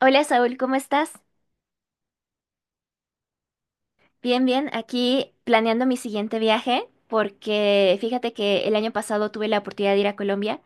Hola Saúl, ¿cómo estás? Bien, bien, aquí planeando mi siguiente viaje porque fíjate que el año pasado tuve la oportunidad de ir a Colombia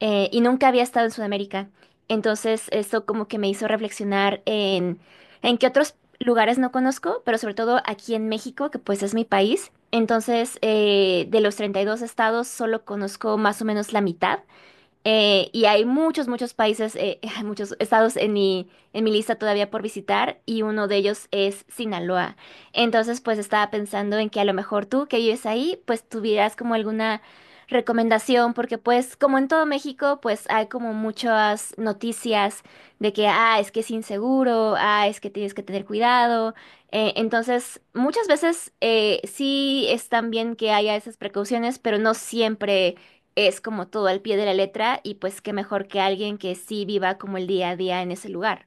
y nunca había estado en Sudamérica. Entonces eso como que me hizo reflexionar en qué otros lugares no conozco, pero sobre todo aquí en México, que pues es mi país. Entonces de los 32 estados solo conozco más o menos la mitad. Y hay muchos, muchos países, hay muchos estados en mi lista todavía por visitar y uno de ellos es Sinaloa. Entonces, pues estaba pensando en que a lo mejor tú que vives ahí, pues tuvieras como alguna recomendación, porque pues como en todo México, pues hay como muchas noticias de que, ah, es que es inseguro, ah, es que tienes que tener cuidado. Entonces, muchas veces sí están bien que haya esas precauciones, pero no siempre es como todo al pie de la letra y pues qué mejor que alguien que sí viva como el día a día en ese lugar.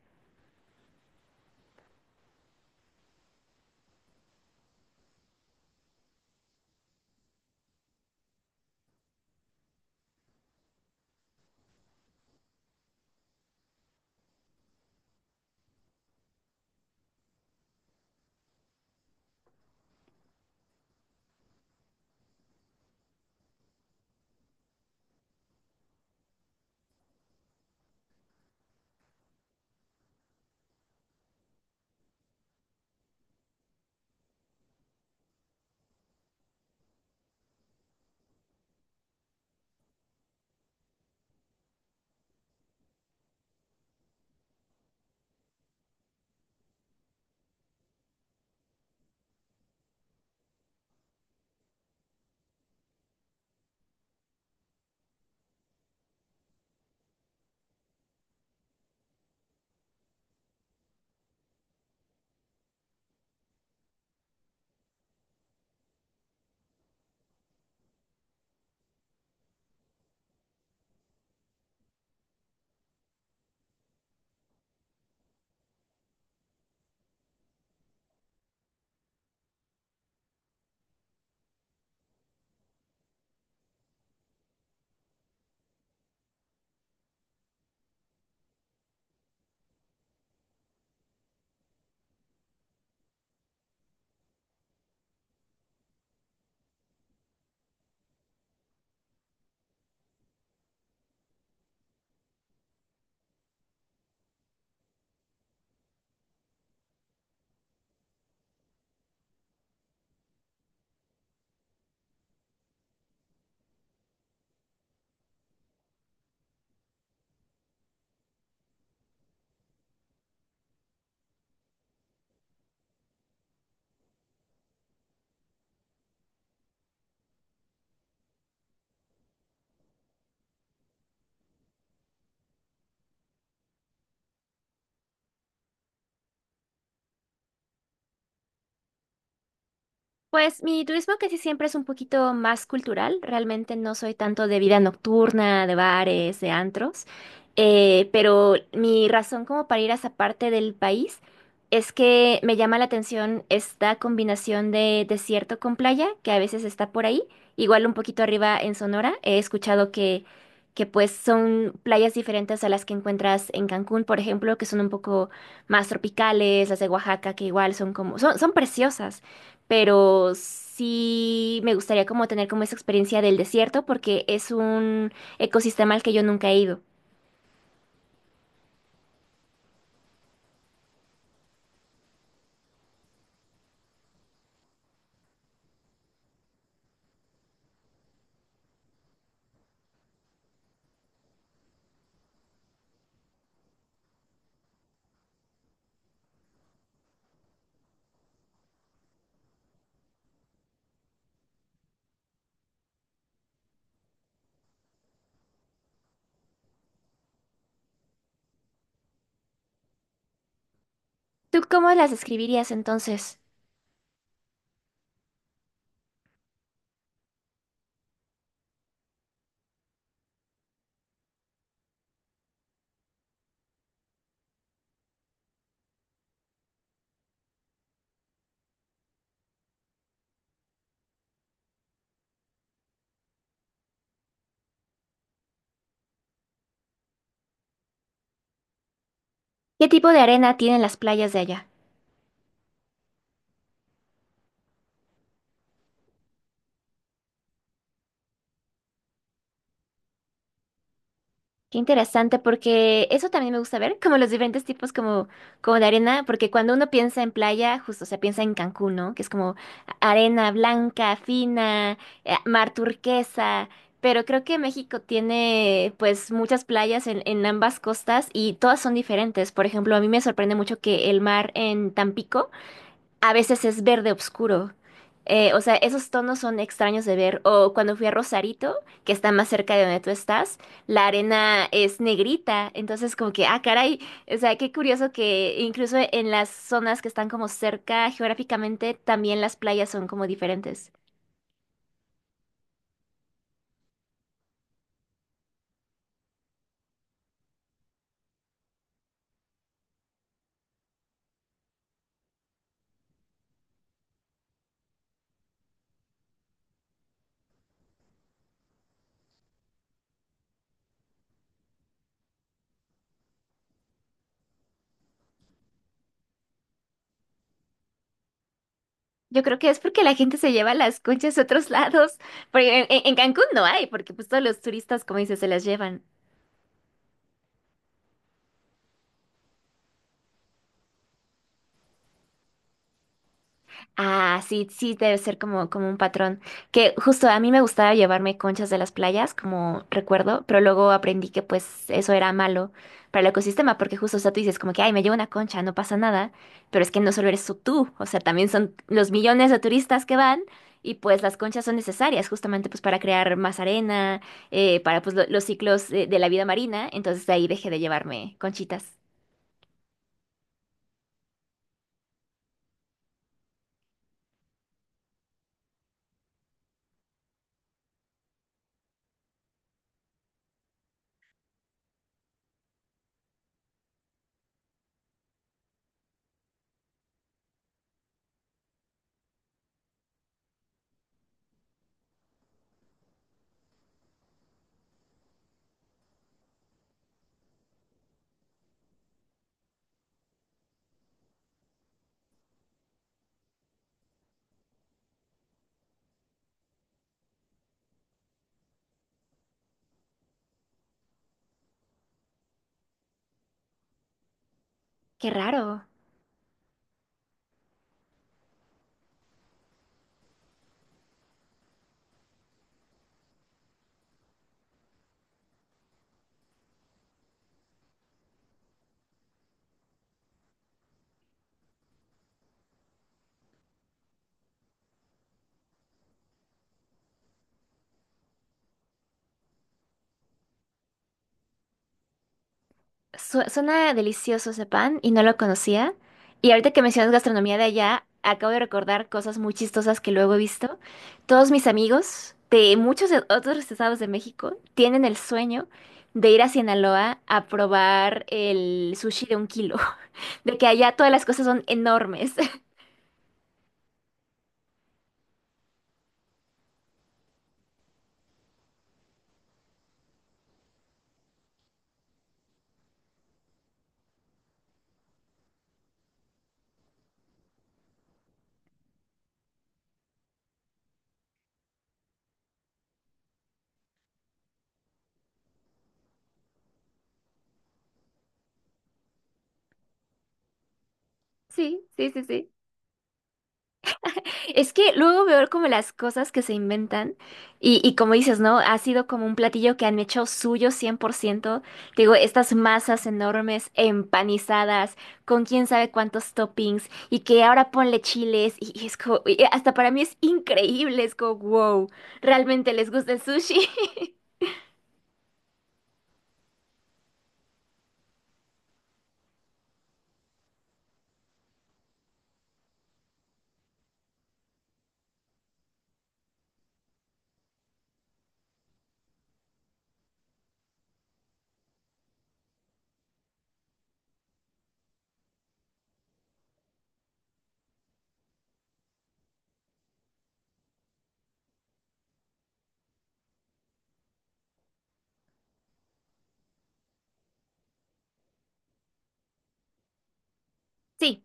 Pues mi turismo casi siempre es un poquito más cultural, realmente no soy tanto de vida nocturna, de bares, de antros, pero mi razón como para ir a esa parte del país es que me llama la atención esta combinación de desierto con playa, que a veces está por ahí, igual un poquito arriba en Sonora, he escuchado que pues son playas diferentes a las que encuentras en Cancún, por ejemplo, que son un poco más tropicales, las de Oaxaca, que igual son como, son, son preciosas pero sí me gustaría como tener como esa experiencia del desierto porque es un ecosistema al que yo nunca he ido. ¿Tú cómo las describirías entonces? ¿Qué tipo de arena tienen las playas de allá? Qué interesante, porque eso también me gusta ver, como los diferentes tipos como, como de arena, porque cuando uno piensa en playa, justo, o sea, piensa en Cancún, ¿no? Que es como arena blanca, fina, mar turquesa, pero creo que México tiene pues muchas playas en ambas costas y todas son diferentes. Por ejemplo, a mí me sorprende mucho que el mar en Tampico a veces es verde oscuro. O sea, esos tonos son extraños de ver. O cuando fui a Rosarito, que está más cerca de donde tú estás, la arena es negrita. Entonces, como que, ah, caray. O sea, qué curioso que incluso en las zonas que están como cerca geográficamente, también las playas son como diferentes. Yo creo que es porque la gente se lleva las conchas a otros lados. Porque en, en Cancún no hay, porque pues todos los turistas, como dices, se las llevan. Ah, sí, sí, debe ser como, como un patrón. Que justo a mí me gustaba llevarme conchas de las playas, como recuerdo, pero luego aprendí que pues eso era malo para el ecosistema, porque justo, o sea, tú dices como que, ay, me llevo una concha, no pasa nada, pero es que no solo eres tú, o sea, también son los millones de turistas que van y pues las conchas son necesarias justamente pues para crear más arena, para pues los ciclos de la vida marina, entonces de ahí dejé de llevarme conchitas. Qué raro. Suena delicioso ese pan y no lo conocía. Y ahorita que mencionas gastronomía de allá, acabo de recordar cosas muy chistosas que luego he visto. Todos mis amigos de muchos otros estados de México tienen el sueño de ir a Sinaloa a probar el sushi de un kilo, de que allá todas las cosas son enormes. Sí, sí, sí, sí. Es que luego veo como las cosas que se inventan y como dices, ¿no? Ha sido como un platillo que han hecho suyo 100%. Te digo, estas masas enormes, empanizadas, con quién sabe cuántos toppings y que ahora ponle chiles y es como, y hasta para mí es increíble, es como, wow, ¿realmente les gusta el sushi? Sí.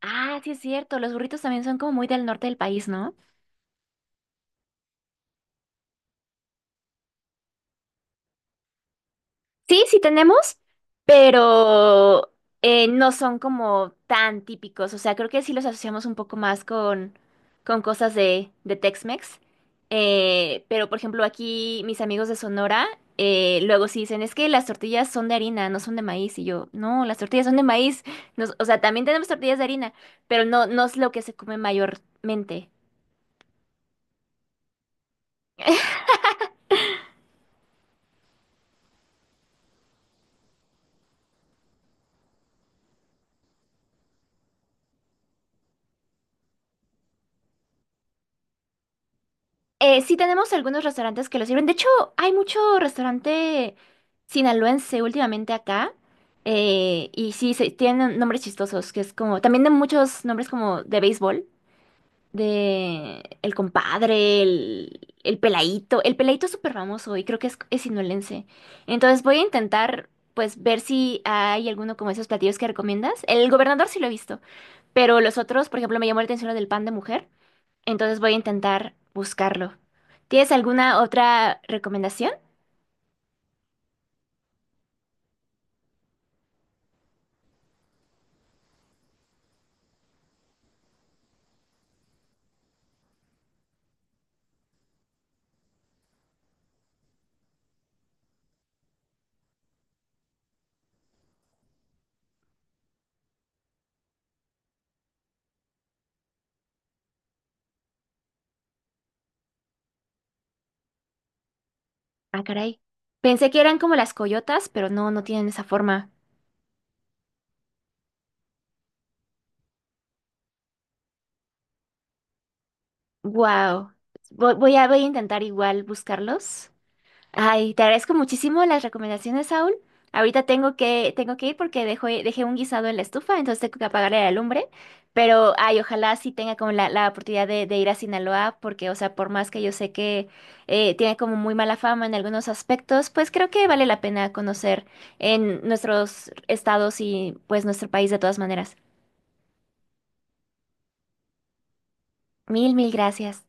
Ah, sí es cierto, los burritos también son como muy del norte del país, ¿no? Sí, sí tenemos, pero no son como tan típicos. O sea, creo que sí los asociamos un poco más con cosas de Tex-Mex. Pero, por ejemplo, aquí mis amigos de Sonora luego sí dicen, es que las tortillas son de harina, no son de maíz. Y yo, no, las tortillas son de maíz. O sea, también tenemos tortillas de harina, pero no, no es lo que se come mayormente. Sí tenemos algunos restaurantes que lo sirven. De hecho, hay mucho restaurante sinaloense últimamente acá. Y sí, se, tienen nombres chistosos, que es como, también de muchos nombres como de béisbol, de El Compadre, el Peladito. El Peladito es súper famoso y creo que es sinaloense. Entonces voy a intentar, pues, ver si hay alguno como esos platillos que recomiendas. El gobernador sí lo he visto, pero los otros, por ejemplo, me llamó la atención lo del pan de mujer. Entonces voy a intentar buscarlo. ¿Tienes alguna otra recomendación? Ah, caray. Pensé que eran como las coyotas, pero no, no tienen esa forma. Wow. Voy a, voy a intentar igual buscarlos. Ay, te agradezco muchísimo las recomendaciones, Saúl. Ahorita tengo que ir porque dejé un guisado en la estufa, entonces tengo que apagarle la lumbre. Pero, ay, ojalá sí tenga como la oportunidad de ir a Sinaloa, porque, o sea, por más que yo sé que tiene como muy mala fama en algunos aspectos, pues creo que vale la pena conocer en nuestros estados y pues nuestro país de todas maneras. Mil, mil gracias.